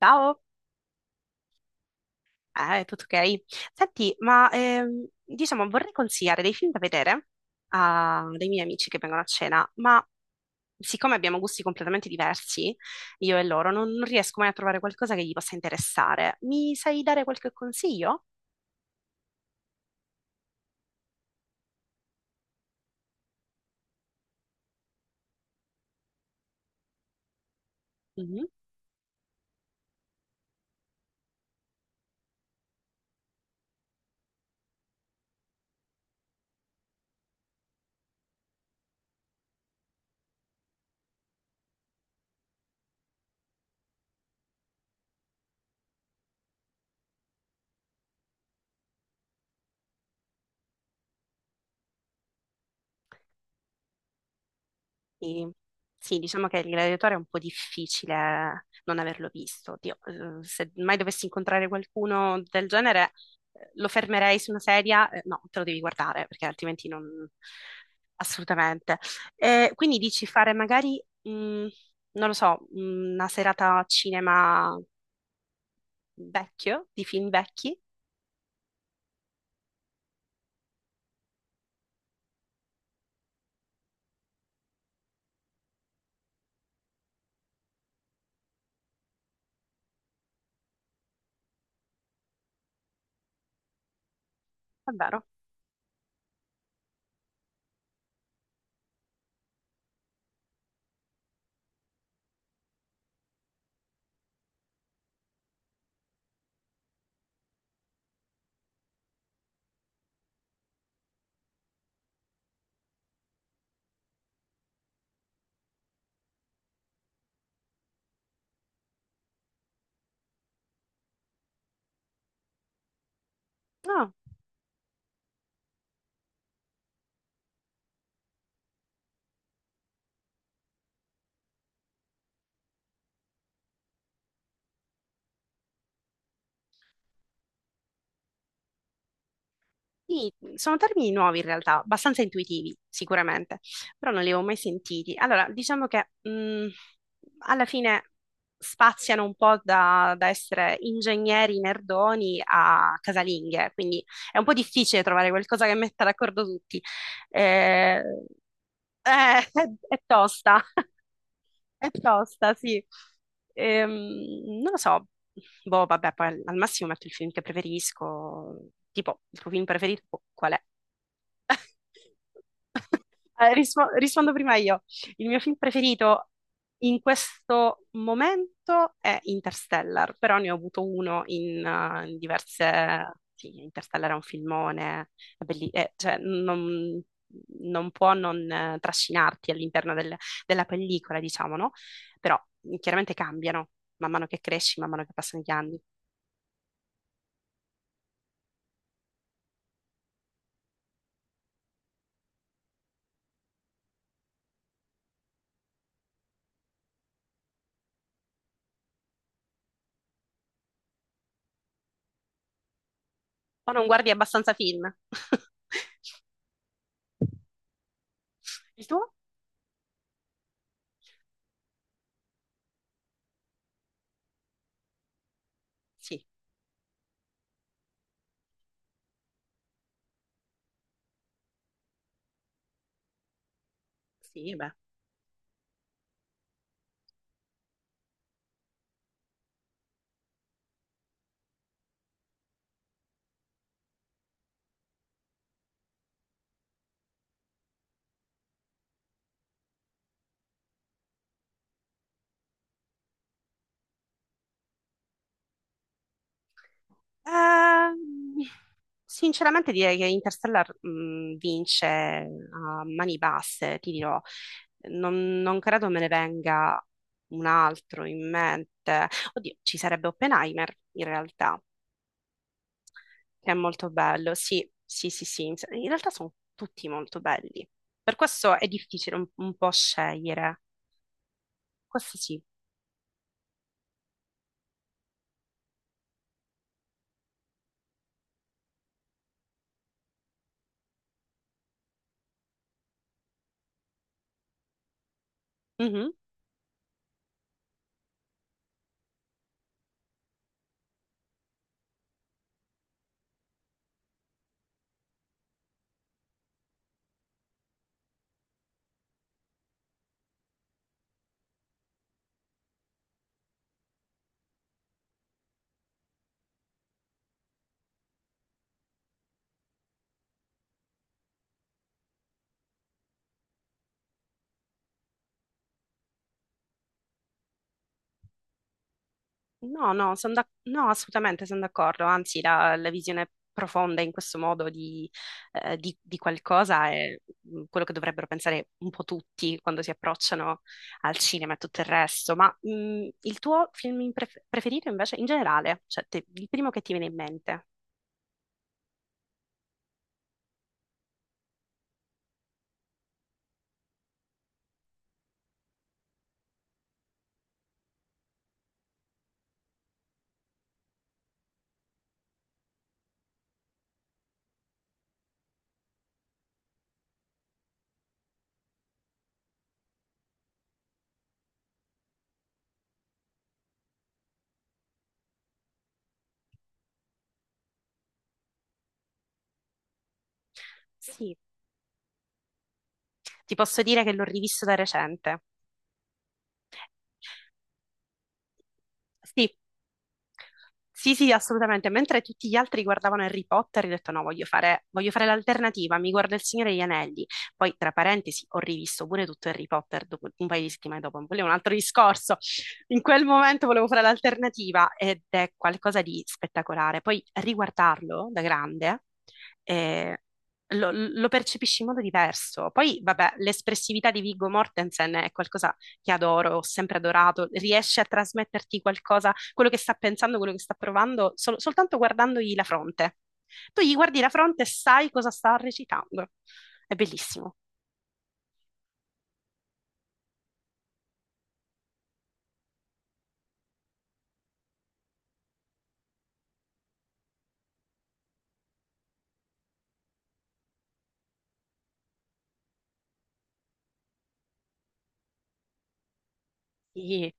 Ciao, tutto ok? Senti, ma diciamo vorrei consigliare dei film da vedere a dei miei amici che vengono a cena, ma siccome abbiamo gusti completamente diversi, io e loro, non riesco mai a trovare qualcosa che gli possa interessare. Mi sai dare qualche consiglio? Mhm. Sì, sì, diciamo che il gladiatore è un po' difficile non averlo visto. Oddio, se mai dovessi incontrare qualcuno del genere, lo fermerei su una sedia. No, te lo devi guardare perché altrimenti non... Assolutamente. Quindi dici fare magari, non lo so, una serata a cinema vecchio, di film vecchi? È vero? No. Sì, sono termini nuovi in realtà, abbastanza intuitivi sicuramente, però non li avevo mai sentiti. Allora, diciamo che alla fine spaziano un po' da, da essere ingegneri nerdoni a casalinghe, quindi è un po' difficile trovare qualcosa che metta d'accordo tutti. Eh, è tosta, è tosta, sì. Non lo so, boh, vabbè, poi al massimo metto il film che preferisco, tipo il tuo film preferito boh, qual è? Rispondo prima io. Il mio film preferito in questo momento è Interstellar, però ne ho avuto uno in, in diverse... Sì, Interstellar è un filmone, cioè, non può non trascinarti all'interno della pellicola, diciamo, no? Però chiaramente cambiano man mano che cresci, man mano che passano gli anni. O non guardi abbastanza film. Il tuo? Sì, sì, beh. Ehm, sinceramente direi che Interstellar vince a mani basse, ti dirò. Non credo me ne venga un altro in mente. Oddio, ci sarebbe Oppenheimer in realtà, che è molto bello. Sì, sì, sì, sì. In realtà sono tutti molto belli. Per questo è difficile un po' scegliere. Questo sì. No, no, no, assolutamente sono d'accordo, anzi la, la visione profonda in questo modo di, di qualcosa è quello che dovrebbero pensare un po' tutti quando si approcciano al cinema e tutto il resto, ma il tuo film in preferito invece in generale, cioè il primo che ti viene in mente? Sì, ti posso dire che l'ho rivisto da recente. Sì, sì, sì, assolutamente. Mentre tutti gli altri guardavano Harry Potter, io ho detto no, voglio fare l'alternativa, mi guardo Il Signore degli Anelli. Poi, tra parentesi, ho rivisto pure tutto Harry Potter un paio di settimane dopo, volevo un altro discorso. In quel momento volevo fare l'alternativa ed è qualcosa di spettacolare. Poi riguardarlo da grande eh, lo percepisci in modo diverso. Poi, vabbè, l'espressività di Viggo Mortensen è qualcosa che adoro, ho sempre adorato, riesce a trasmetterti qualcosa quello che sta pensando, quello che sta provando, soltanto guardandogli la fronte. Tu gli guardi la fronte e sai cosa sta recitando. È bellissimo. Sì,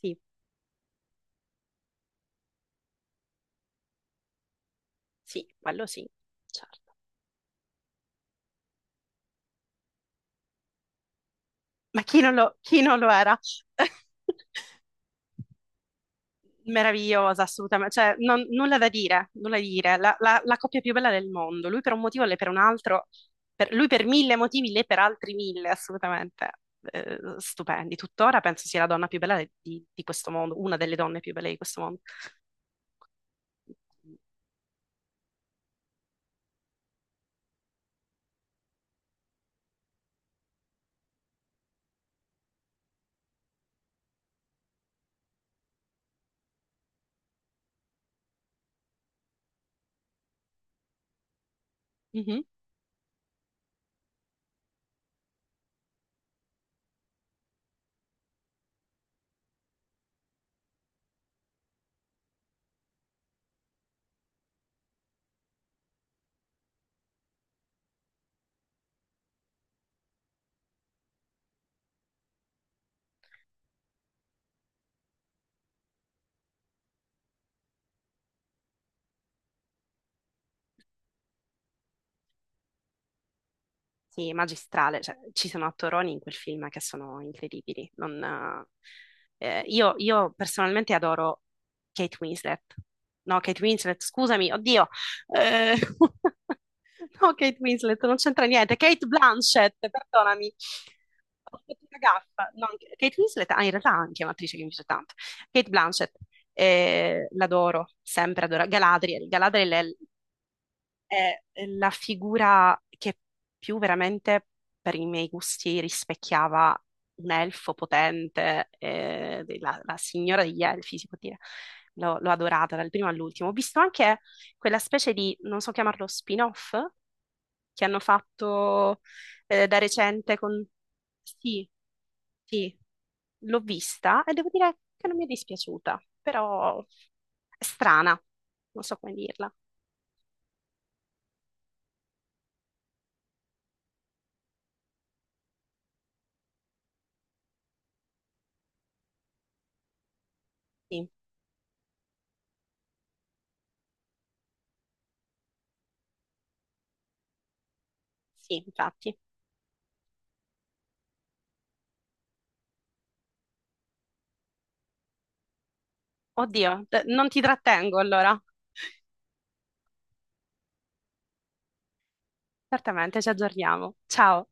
sì, sì, quello sì, certo. Ma chi non lo era? Meravigliosa, assolutamente, cioè nulla da dire, la coppia più bella del mondo, lui per un motivo, lei per un altro, lui per mille motivi, lei per altri mille, assolutamente, eh, stupendi, tuttora penso sia la donna più bella di questo mondo, una delle donne più belle di questo mondo. Mhm. Sì, magistrale, cioè, ci sono attoroni in quel film che sono incredibili. Non, io personalmente adoro Kate Winslet. No, Kate Winslet, scusami, oddio. Eh, no, Kate Winslet, non c'entra niente. Kate Blanchett, perdonami. Ho fatto una gaffa. No, Kate Winslet, ah, in realtà anche è un'attrice che mi piace tanto. Kate Blanchett, l'adoro, sempre adoro. Galadriel, Galadriel è la figura che più veramente per i miei gusti rispecchiava un elfo potente, la signora degli elfi, si può dire. L'ho adorata dal primo all'ultimo. Ho visto anche quella specie di, non so chiamarlo, spin-off che hanno fatto da recente con... Sì, sì, l'ho vista e devo dire che non mi è dispiaciuta, però è strana, non so come dirla. Sì. Sì, infatti. Oddio, non ti trattengo allora. Certamente, ci aggiorniamo. Ciao.